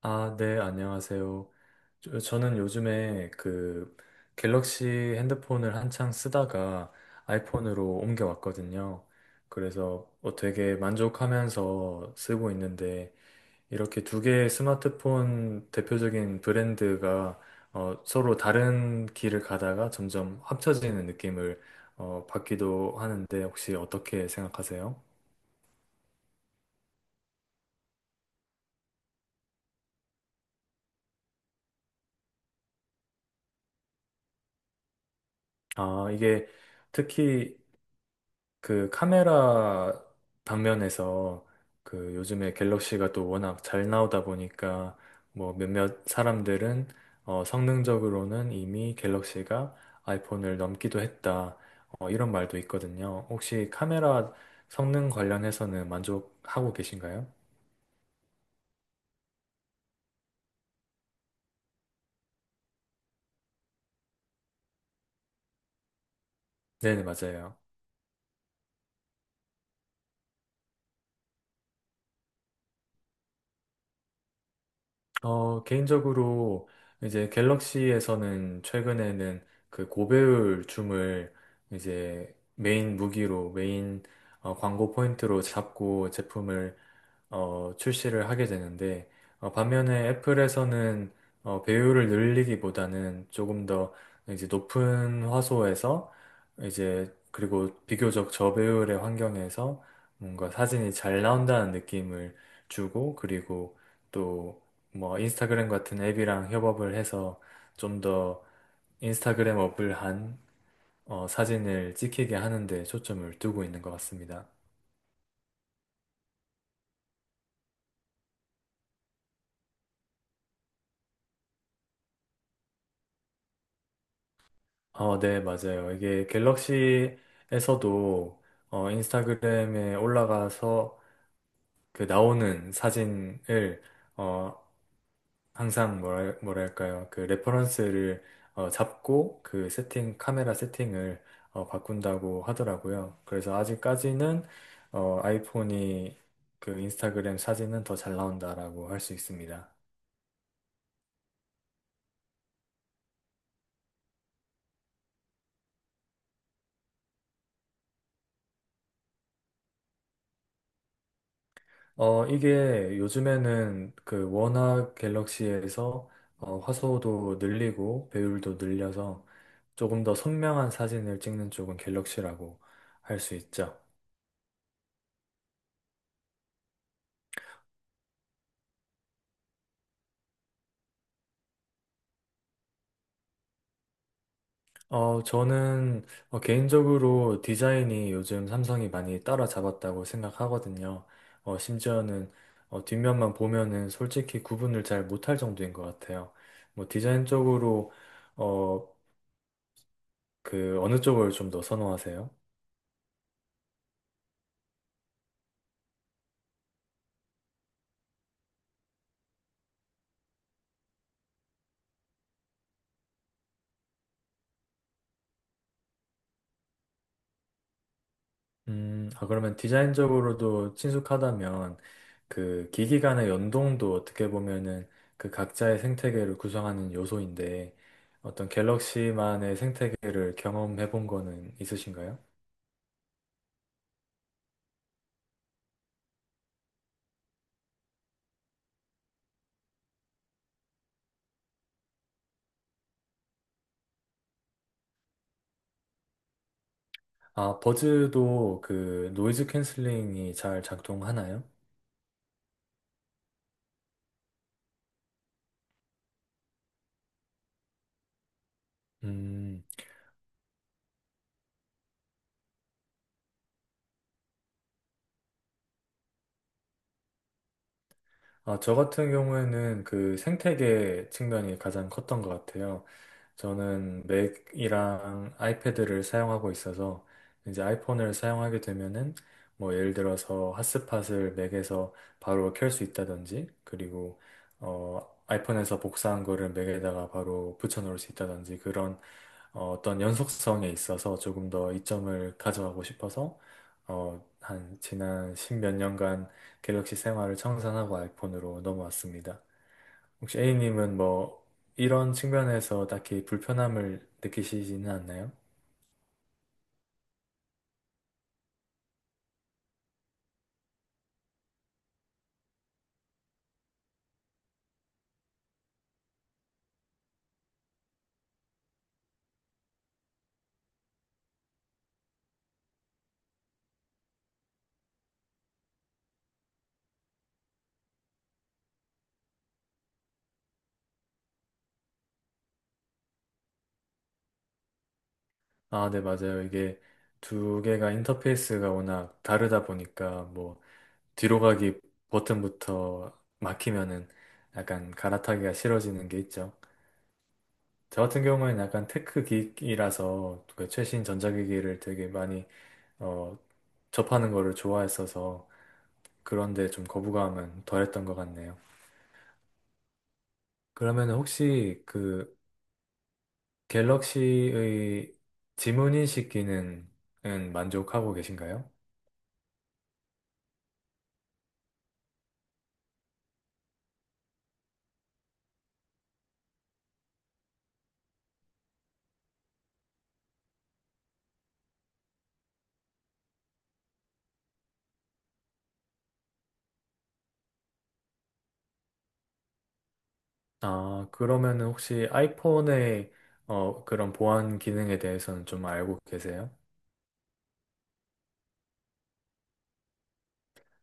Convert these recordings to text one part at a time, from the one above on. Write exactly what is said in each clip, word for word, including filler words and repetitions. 아, 네, 안녕하세요. 저, 저는 요즘에 그 갤럭시 핸드폰을 한창 쓰다가 아이폰으로 옮겨왔거든요. 그래서 뭐 되게 만족하면서 쓰고 있는데 이렇게 두 개의 스마트폰 대표적인 브랜드가 어, 서로 다른 길을 가다가 점점 합쳐지는 느낌을 어, 받기도 하는데 혹시 어떻게 생각하세요? 아, 이게 특히 그 카메라 방면에서 그 요즘에 갤럭시가 또 워낙 잘 나오다 보니까 뭐 몇몇 사람들은 어 성능적으로는 이미 갤럭시가 아이폰을 넘기도 했다. 어 이런 말도 있거든요. 혹시 카메라 성능 관련해서는 만족하고 계신가요? 네네, 맞아요. 어, 개인적으로 이제 갤럭시에서는 최근에는 그 고배율 줌을 이제 메인 무기로, 메인 어, 광고 포인트로 잡고 제품을 어, 출시를 하게 되는데, 어, 반면에 애플에서는 어, 배율을 늘리기보다는 조금 더 이제 높은 화소에서 이제 그리고 비교적 저배율의 환경에서 뭔가 사진이 잘 나온다는 느낌을 주고 그리고 또 뭐 인스타그램 같은 앱이랑 협업을 해서 좀 더 인스타그램 어블한 어, 사진을 찍히게 하는 데 초점을 두고 있는 것 같습니다. 어, 네, 맞아요. 이게 갤럭시에서도 어, 인스타그램에 올라가서 그 나오는 사진을 어, 항상 뭐랄, 뭐랄까요. 그 레퍼런스를 어, 잡고 그 세팅, 카메라 세팅을 어, 바꾼다고 하더라고요. 그래서 아직까지는 어, 아이폰이 그 인스타그램 사진은 더 잘 나온다라고 할 수 있습니다. 어, 이게 요즘에는 그 워낙 갤럭시에서 어, 화소도 늘리고 배율도 늘려서 조금 더 선명한 사진을 찍는 쪽은 갤럭시라고 할 수 있죠. 어, 저는 어, 개인적으로 디자인이 요즘 삼성이 많이 따라잡았다고 생각하거든요. 어, 심지어는 어, 뒷면만 보면은 솔직히 구분을 잘 못할 정도인 것 같아요. 뭐 디자인 쪽으로 어, 그 어느 쪽을 좀 더 선호하세요? 음, 아, 그러면 디자인적으로도 친숙하다면 그 기기 간의 연동도 어떻게 보면은 그 각자의 생태계를 구성하는 요소인데 어떤 갤럭시만의 생태계를 경험해 본 거는 있으신가요? 아, 버즈도 그 노이즈 캔슬링이 잘 작동하나요? 음. 아, 저 같은 경우에는 그 생태계 측면이 가장 컸던 것 같아요. 저는 맥이랑 아이패드를 사용하고 있어서 이제 아이폰을 사용하게 되면은 뭐 예를 들어서 핫스팟을 맥에서 바로 켤 수 있다든지 그리고 어 아이폰에서 복사한 거를 맥에다가 바로 붙여 놓을 수 있다든지 그런 어, 어떤 연속성에 있어서 조금 더 이점을 가져가고 싶어서 어, 한 지난 십 몇 년간 갤럭시 생활을 청산하고 아이폰으로 넘어왔습니다. 혹시 A님은 뭐 이런 측면에서 딱히 불편함을 느끼시지는 않나요? 아, 네, 맞아요. 이게 두 개가 인터페이스가 워낙 다르다 보니까 뭐 뒤로 가기 버튼부터 막히면은 약간 갈아타기가 싫어지는 게 있죠. 저 같은 경우에는 약간 테크 기기라서 그 최신 전자기기를 되게 많이 어, 접하는 거를 좋아했어서 그런데 좀 거부감은 덜했던 것 같네요. 그러면 혹시 그 갤럭시의 지문인식 기능은 만족하고 계신가요? 아, 그러면 혹시 아이폰의 어, 그런 보안 기능에 대해서는 좀 알고 계세요?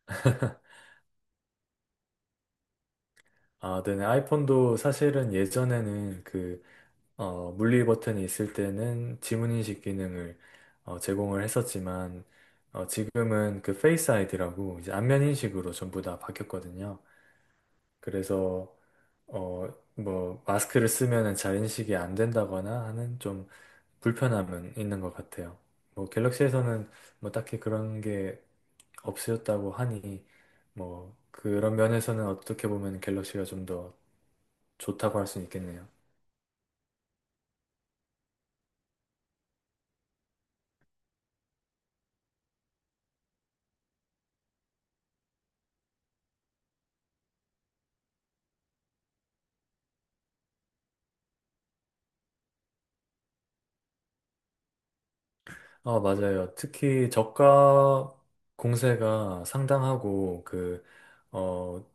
아, 네네. 아이폰도 사실은 예전에는 그, 어, 물리 버튼이 있을 때는 지문인식 기능을 어, 제공을 했었지만, 어, 지금은 그 페이스 아이디라고 이제 안면 인식으로 전부 다 바뀌었거든요. 그래서 어, 뭐, 마스크를 쓰면은 자인식이 안 된다거나 하는 좀 불편함은 있는 것 같아요. 뭐, 갤럭시에서는 뭐 딱히 그런 게 없으셨다고 하니, 뭐, 그런 면에서는 어떻게 보면 갤럭시가 좀 더 좋다고 할 수는 있겠네요. 어, 맞아요. 특히 저가 공세가 상당하고, 그, 어,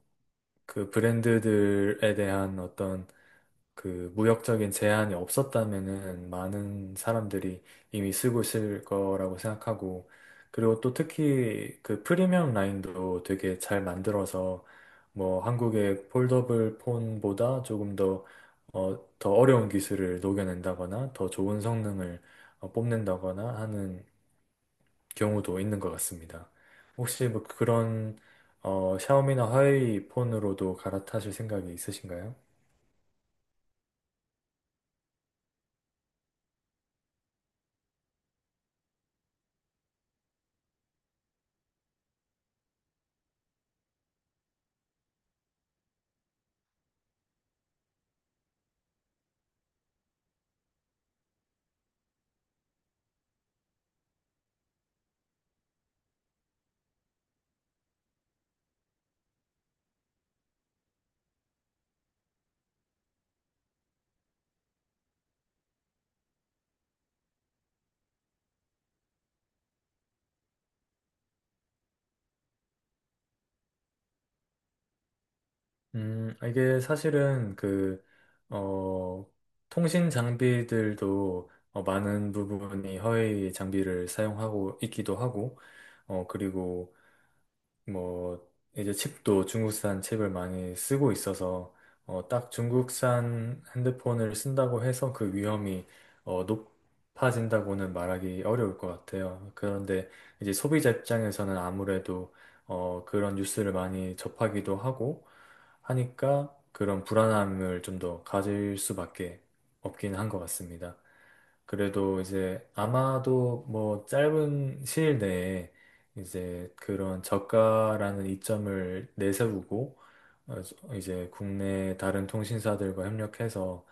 그 브랜드들에 대한 어떤 그 무역적인 제한이 없었다면은 많은 사람들이 이미 쓰고 있을 거라고 생각하고 그리고 또 특히 그 프리미엄 라인도 되게 잘 만들어서 뭐 한국의 폴더블 폰보다 조금 더, 어, 더 어려운 기술을 녹여낸다거나 더 좋은 성능을 어, 뽐낸다거나 하는 경우도 있는 것 같습니다. 혹시 뭐 그런 어, 샤오미나 화웨이 폰으로도 갈아타실 생각이 있으신가요? 음, 아, 이게 사실은 그, 어, 통신 장비들도 어, 많은 부분이 허위 장비를 사용하고 있기도 하고, 어, 그리고 뭐 이제 칩도 중국산 칩을 많이 쓰고 있어서 어, 딱 중국산 핸드폰을 쓴다고 해서 그 위험이 어, 높아진다고는 말하기 어려울 것 같아요. 그런데 이제 소비자 입장에서는 아무래도 어, 그런 뉴스를 많이 접하기도 하고 하니까 그런 불안함을 좀 더 가질 수밖에 없긴 한 것 같습니다. 그래도 이제 아마도 뭐 짧은 시일 내에 이제 그런 저가라는 이점을 내세우고 어, 이제 국내 다른 통신사들과 협력해서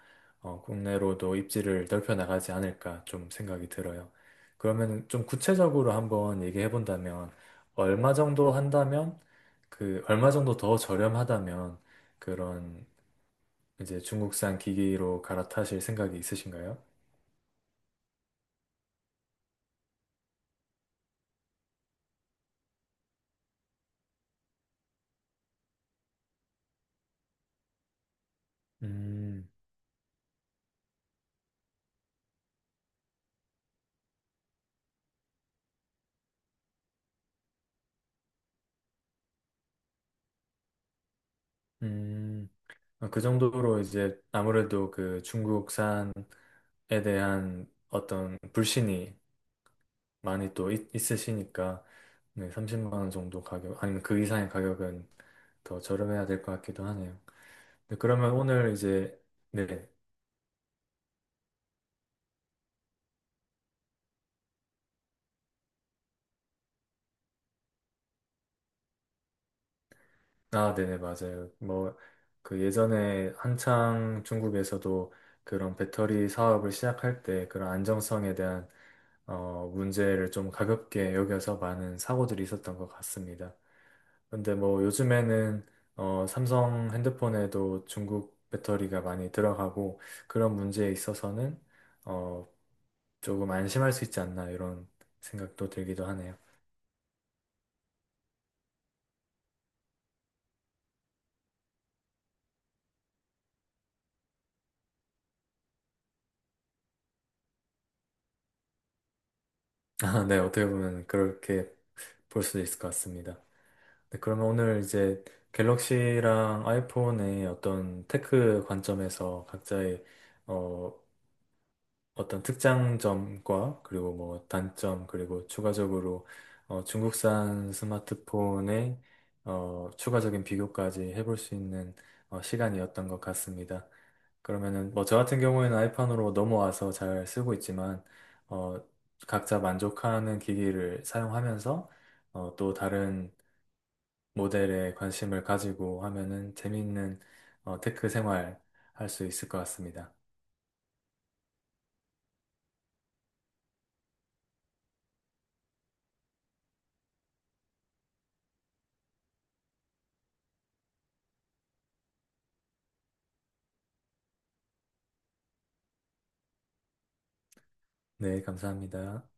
어, 국내로도 입지를 넓혀 나가지 않을까 좀 생각이 들어요. 그러면 좀 구체적으로 한번 얘기해 본다면 얼마 정도 한다면 그 얼마 정도 더 저렴하다면 그런 이제 중국산 기기로 갈아타실 생각이 있으신가요? 음, 음. 어, 그 정도로 이제 아무래도 그 중국산에 대한 어떤 불신이 많이 또 있, 있으시니까 네, 삼십만 원 정도 가격 아니면 그 이상의 가격은 더 저렴해야 될 것 같기도 하네요. 네, 그러면 오늘 이제 네, 아, 네네 맞아요. 뭐 그 예전에 한창 중국에서도 그런 배터리 사업을 시작할 때 그런 안정성에 대한 어, 문제를 좀 가볍게 여겨서 많은 사고들이 있었던 것 같습니다. 근데 뭐 요즘에는 어, 삼성 핸드폰에도 중국 배터리가 많이 들어가고 그런 문제에 있어서는 어, 조금 안심할 수 있지 않나 이런 생각도 들기도 하네요. 아, 네, 어떻게 보면 그렇게 볼 수도 있을 것 같습니다. 네, 그러면 오늘 이제 갤럭시랑 아이폰의 어떤 테크 관점에서 각자의 어, 어떤 특장 점과 그리고 뭐 단점 그리고 추가적으로 어, 중국산 스마트폰의 어, 추가적인 비교까지 해볼 수 있는 어, 시간이었던 것 같습니다. 그러면은 뭐 저 같은 경우에는 아이판으로 넘어와서 잘 쓰고 있지만 어, 각자 만족하는 기기를 사용하면서 어, 또 다른 모델에 관심을 가지고 하면은 재미있는 어, 테크 생활 할 수 있을 것 같습니다. 네, 감사합니다.